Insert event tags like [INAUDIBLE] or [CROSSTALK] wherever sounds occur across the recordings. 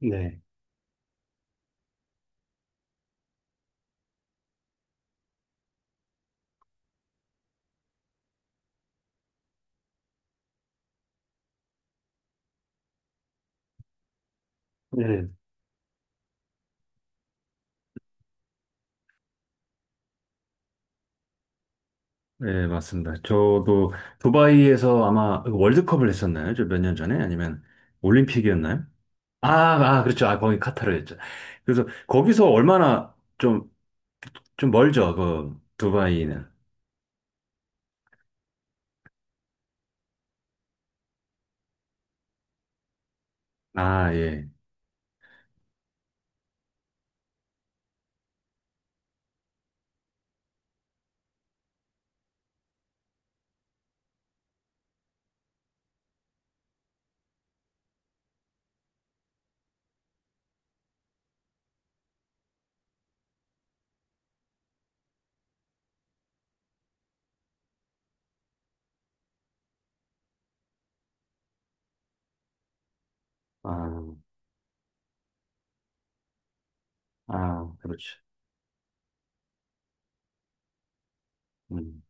네. 네. 네, 맞습니다. 저도 두바이에서 아마 월드컵을 했었나요? 저 몇 년 전에? 아니면 올림픽이었나요? 아, 아, 그렇죠. 아, 거기 카타르였죠. 그래서 거기서 얼마나 좀, 좀 멀죠, 그 두바이는. 아, 예. 아, 아, 그렇죠. 음.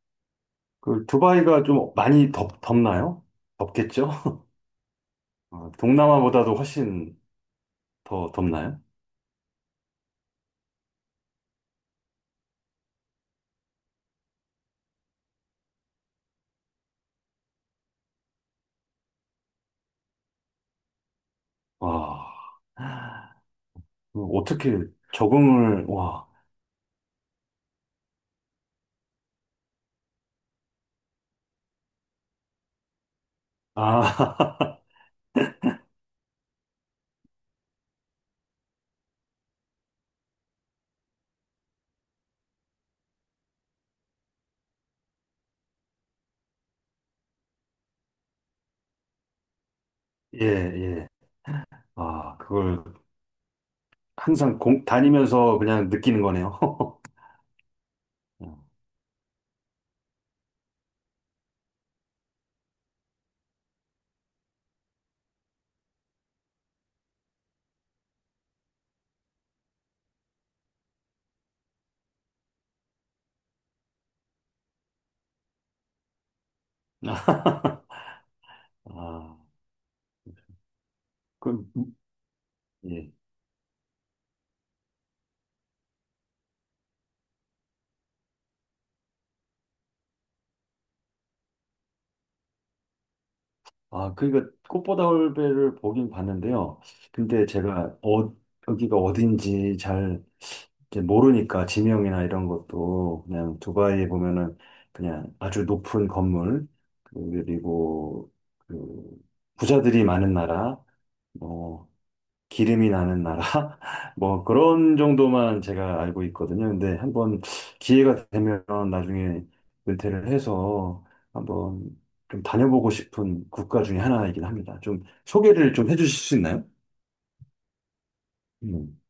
그 두바이가 좀 많이 덥나요? 덥겠죠? 아, 동남아보다도 훨씬 더 덥나요? 와, 아, 어떻게 적응을, 와. 아, [LAUGHS] 예, 예. 아, 그걸 항상 다니면서 그냥 느끼는 거네요. [LAUGHS] 어. [LAUGHS] 아, 그럼, 예. 아, 그러니까 꽃보다 올배를 보긴 봤는데요. 근데 제가 여기가 어딘지 잘 이제 모르니까 지명이나 이런 것도 그냥 두바이에 보면은 그냥 아주 높은 건물, 그리고 그 부자들이 많은 나라, 뭐 기름이 나는 나라? [LAUGHS] 뭐 그런 정도만 제가 알고 있거든요. 근데 한번 기회가 되면 나중에 은퇴를 해서 한번 좀 다녀보고 싶은 국가 중에 하나이긴 합니다. 좀 소개를 좀 해주실 수 있나요? 음.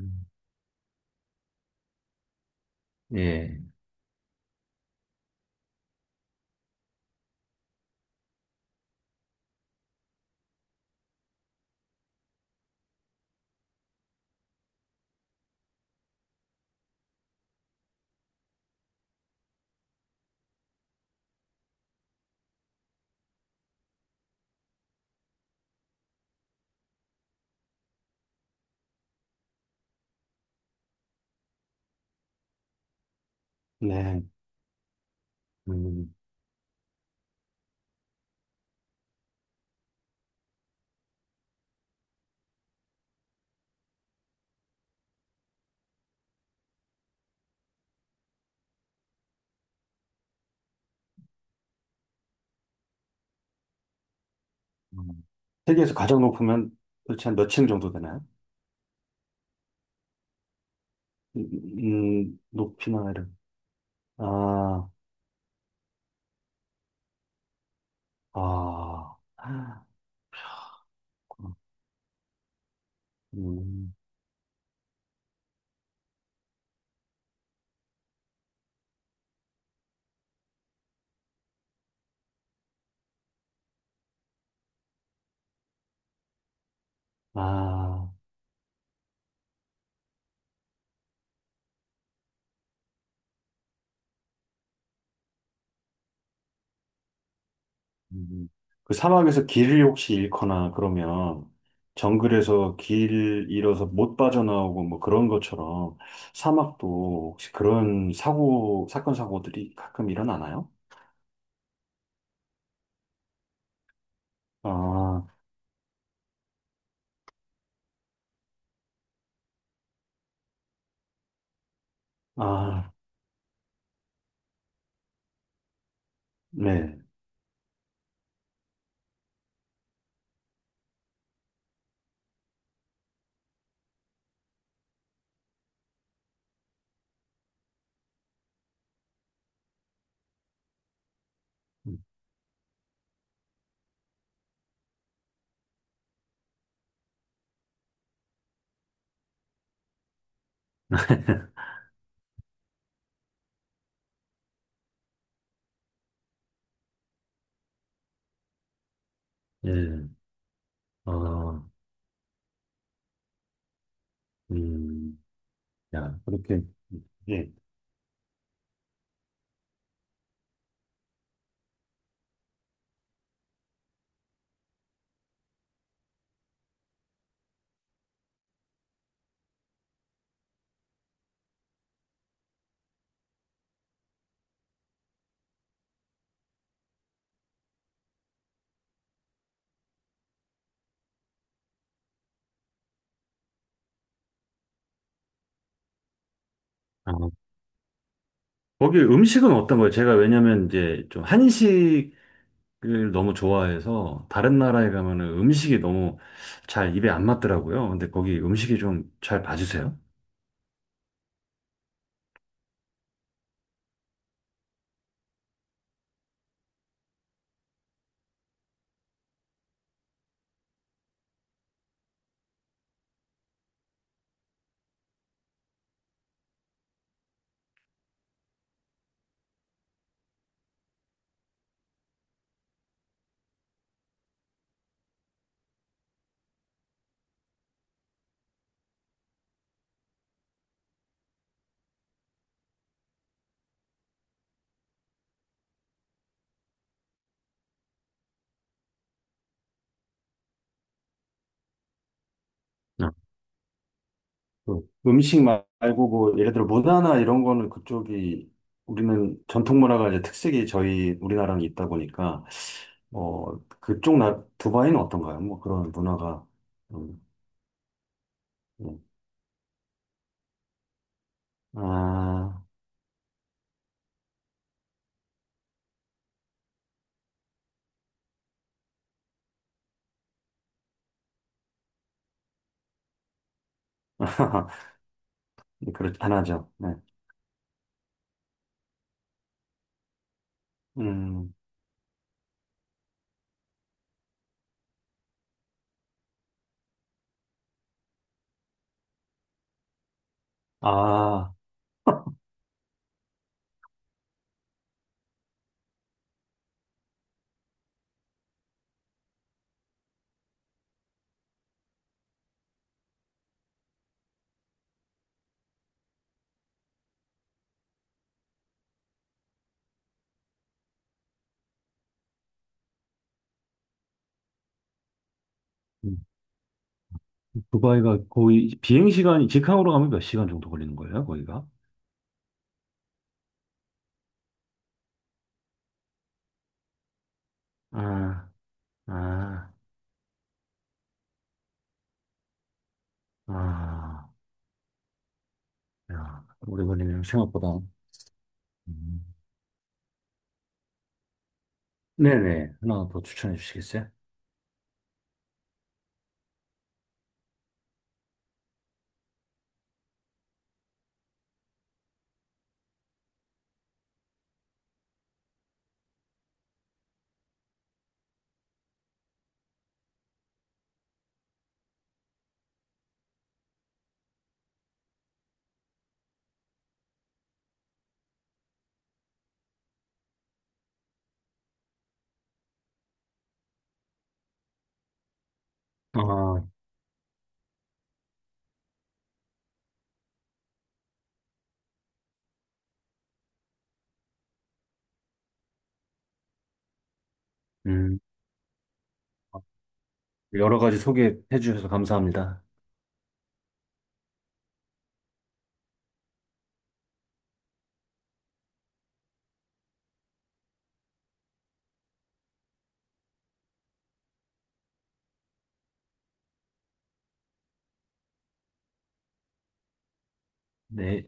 음. 예. 네. 음. 음. 세계에서 가장 높으면 도대체 한 몇 층 정도 되나요? 음, 높이나 이런. 아, 아, 음, 아. 음. 그 사막에서 길을 혹시 잃거나 그러면 정글에서 길 잃어서 못 빠져나오고 뭐 그런 것처럼 사막도 혹시 그런 사건 사고들이 가끔 일어나나요? 아, 아, 네. [LAUGHS] 예, 어, 음, 야, 그렇게, 예. 아, 거기 음식은 어떤 거예요? 제가 왜냐면 이제 좀 한식 를 너무 좋아해서 다른 나라에 가면은 음식이 너무 잘 입에 안 맞더라고요. 근데 거기 음식이 좀 잘 봐주세요. 네. 그 음식 말고 뭐 예를 들어 문화나 이런 거는 그쪽이 우리는 전통 문화가 이제 특색이 저희 우리나라는 있다 보니까 어 그쪽 나 두바이는 어떤가요? 뭐 그런 문화가 음, 음. 아 [LAUGHS] 그렇 안 하죠. 네. 음. 아 두바이가 거의 비행 시간이 직항으로 가면 몇 시간 정도 걸리는 거예요, 거기가? 아, 아, 아, 야, 오래 걸리네요, 생각보다. 음. 네네, 하나 더 추천해 주시겠어요? 아, 음, 여러 가지 소개해 주셔서 감사합니다. 네.